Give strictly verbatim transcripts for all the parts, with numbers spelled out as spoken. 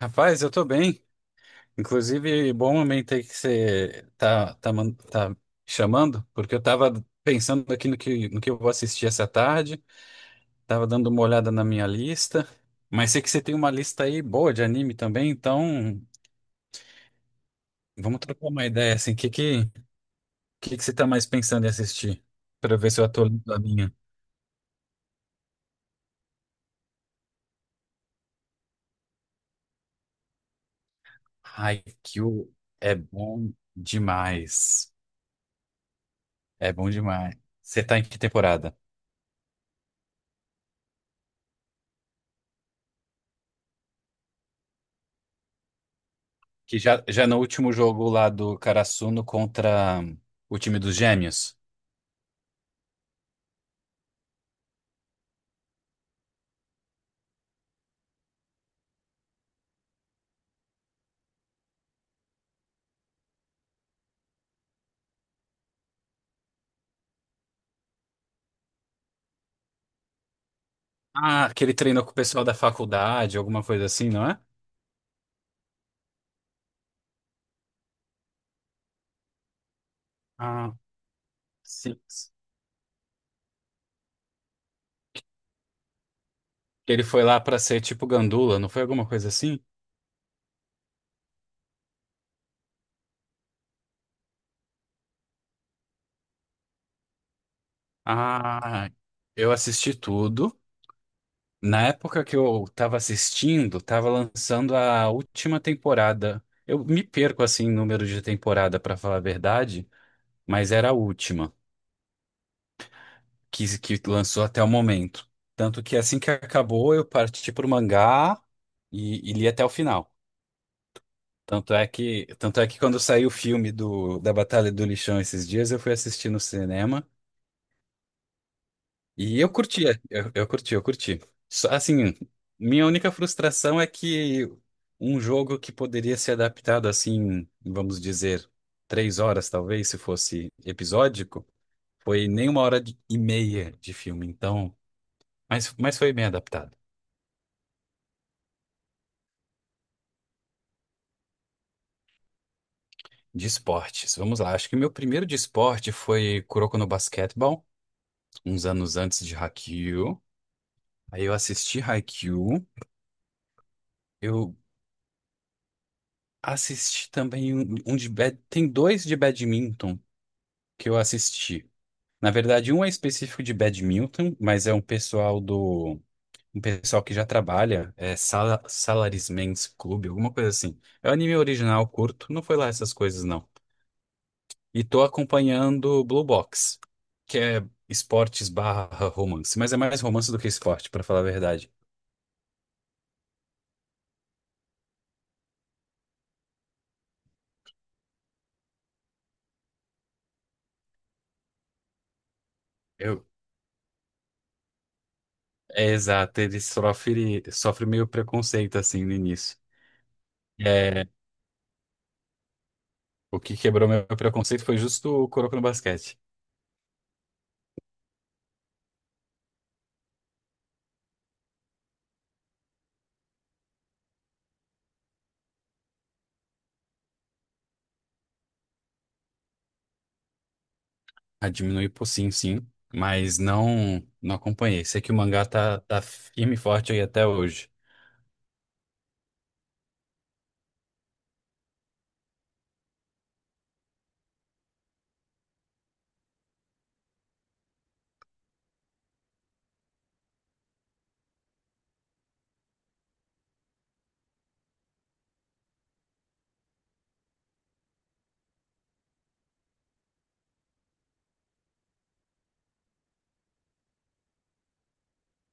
Rapaz, eu tô bem. Inclusive, bom momento aí que você tá, tá, man- tá chamando, porque eu tava pensando aqui no que, no que eu vou assistir essa tarde, tava dando uma olhada na minha lista, mas sei que você tem uma lista aí boa de anime também, então vamos trocar uma ideia, assim, o que que, que que você tá mais pensando em assistir? Pra ver se eu atualizo a minha. Haikyuu é bom demais. É bom demais. Você tá em que temporada? Que já, já no último jogo lá do Karasuno contra o time dos Gêmeos. Ah, que ele treinou com o pessoal da faculdade, alguma coisa assim, não é? Ah, sim. Que ele foi lá pra ser tipo gandula, não foi alguma coisa assim? Ah, eu assisti tudo. Na época que eu tava assistindo, tava lançando a última temporada. Eu me perco assim em número de temporada, pra falar a verdade, mas era a última. que, que lançou até o momento. Tanto que assim que acabou, eu parti pro mangá e, e li até o final. Tanto é que, tanto é que quando saiu o filme do, da Batalha do Lixão esses dias, eu fui assistir no cinema e eu curti, eu, eu curti, eu curti. Só, assim, minha única frustração é que um jogo que poderia ser adaptado assim, vamos dizer, três horas talvez, se fosse episódico, foi nem uma hora de- e meia de filme. Então, mas, mas foi bem adaptado. De esportes, vamos lá. Acho que o meu primeiro de esporte foi Kuroko no Basketball, uns anos antes de Haikyuu. Aí eu assisti Haikyuu. Eu assisti também um, um de... bad- Tem dois de badminton que eu assisti. Na verdade, um é específico de badminton, mas é um pessoal do... Um pessoal que já trabalha, é sala... Salaryman's Club, alguma coisa assim. É um anime original, curto, não foi lá essas coisas, não. E tô acompanhando Blue Box, que é esportes barra romance, mas é mais romance do que esporte, pra falar a verdade. Eu... É exato, ele sofre, sofre meio preconceito assim no início. É, o que quebrou meu preconceito foi justo o Kuroko no Basquete. A diminuir por sim, sim, mas não não acompanhei. Sei que o mangá tá, tá firme e forte aí até hoje.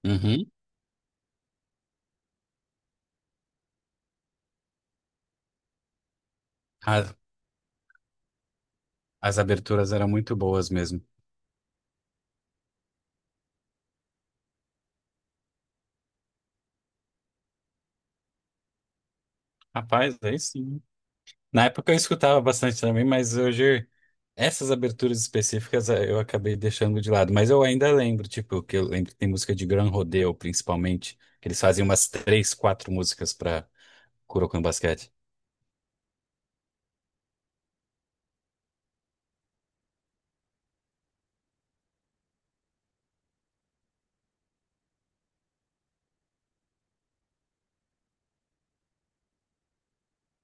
Uhum. A- As aberturas eram muito boas mesmo. Rapaz, aí sim. Na época eu escutava bastante também, mas hoje essas aberturas específicas eh, eu acabei deixando de lado. Mas eu ainda lembro, tipo, que eu lembro que tem música de Gran Rodeo, principalmente, que eles fazem umas três, quatro músicas pra Kurokan Basquete.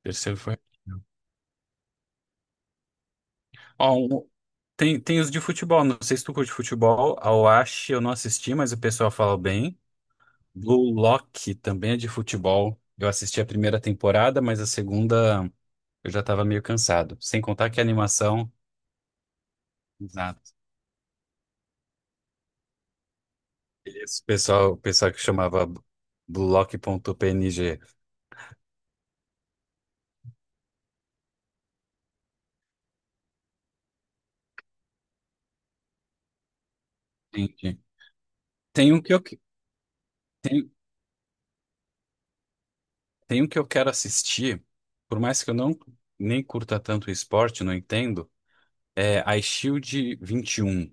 Terceiro foi. Ó, um- Tem, tem os de futebol, não sei se tu curte futebol. A Oashi eu não assisti, mas o pessoal fala bem. Blue Lock também é de futebol. Eu assisti a primeira temporada, mas a segunda eu já estava meio cansado. Sem contar que a animação. Exato. Esse pessoal, o pessoal que chamava Blue lock Lock.png. Entendi. Tem um que eu, que- tem, tem um que eu quero assistir, por mais que eu não nem curta tanto esporte, não entendo. É iShield vinte e um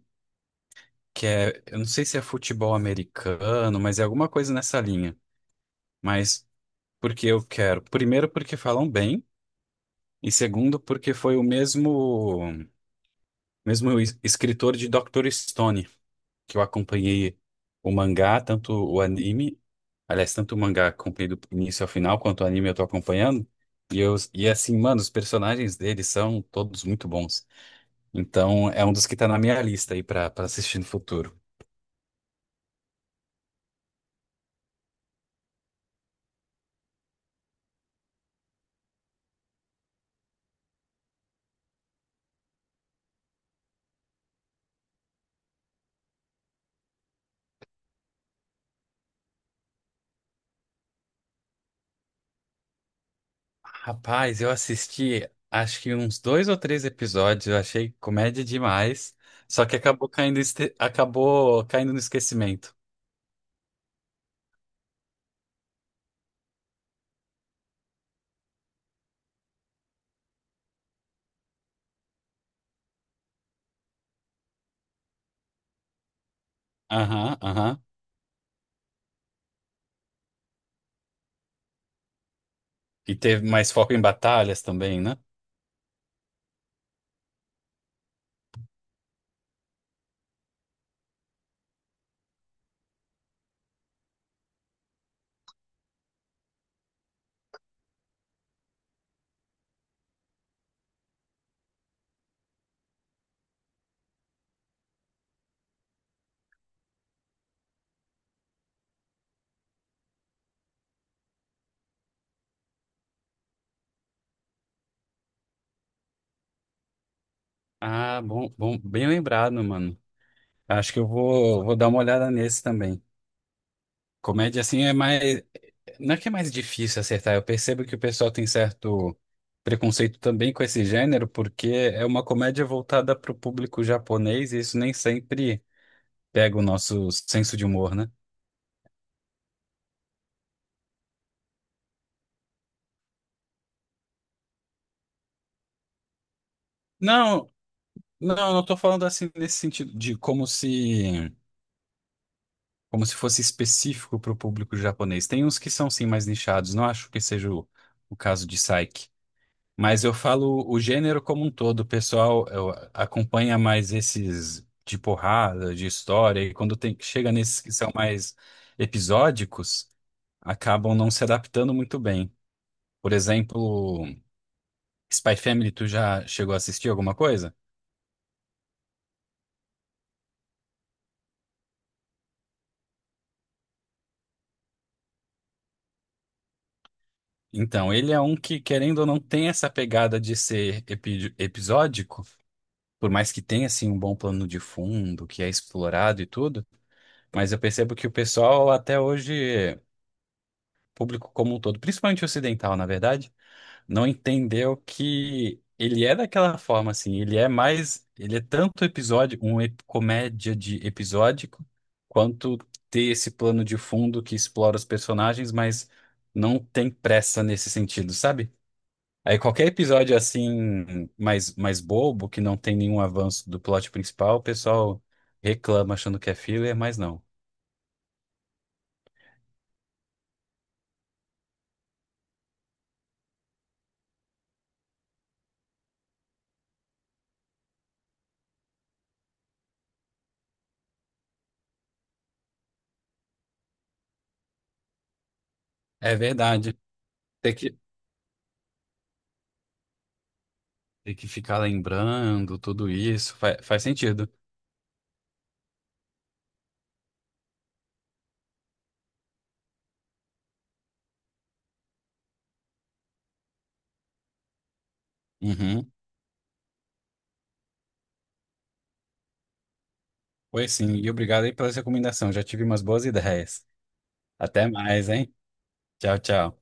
que é, eu não sei se é futebol americano, mas é alguma coisa nessa linha. Mas porque eu quero. Primeiro, porque falam bem, e segundo, porque foi o mesmo, mesmo es- escritor de doutor Stone, que eu acompanhei o mangá, tanto o anime, aliás, tanto o mangá acompanhei do início ao final, quanto o anime eu tô acompanhando. E, eu, e assim, mano, os personagens dele são todos muito bons. Então, é um dos que tá na minha lista aí pra, pra assistir no futuro. Rapaz, eu assisti acho que uns dois ou três episódios, eu achei comédia demais, só que acabou caindo, este- acabou caindo no esquecimento. Aham, aham. E teve mais foco em batalhas também, né? Ah, bom, bom, bem lembrado, mano. Acho que eu vou, vou dar uma olhada nesse também. Comédia assim é mais, não é que é mais difícil acertar, eu percebo que o pessoal tem certo preconceito também com esse gênero, porque é uma comédia voltada para o público japonês e isso nem sempre pega o nosso senso de humor, né? Não, não, não tô falando assim nesse sentido de como se, como se fosse específico para o público japonês. Tem uns que são sim mais nichados, não acho que seja o, o caso de Psyche. Mas eu falo o gênero como um todo, o pessoal eu, acompanha mais esses de porrada, de história, e quando tem, chega nesses que são mais episódicos, acabam não se adaptando muito bem. Por exemplo, Spy Family, tu já chegou a assistir alguma coisa? Então, ele é um que, querendo ou não, tem essa pegada de ser epi- episódico, por mais que tenha, assim, um bom plano de fundo, que é explorado e tudo, mas eu percebo que o pessoal, até hoje, público como um todo, principalmente ocidental, na verdade, não entendeu que ele é daquela forma, assim, ele é mais, ele é tanto episódio, um ep- comédia de episódico, quanto ter esse plano de fundo que explora os personagens, mas não tem pressa nesse sentido, sabe? Aí qualquer episódio assim, mais, mais bobo, que não tem nenhum avanço do plot principal, o pessoal reclama achando que é filler, mas não. É verdade. Tem que, tem que ficar lembrando tudo isso. Fa- faz sentido. Uhum. Pois sim. E obrigado aí pela recomendação. Já tive umas boas ideias. Até mais, hein? Tchau, tchau.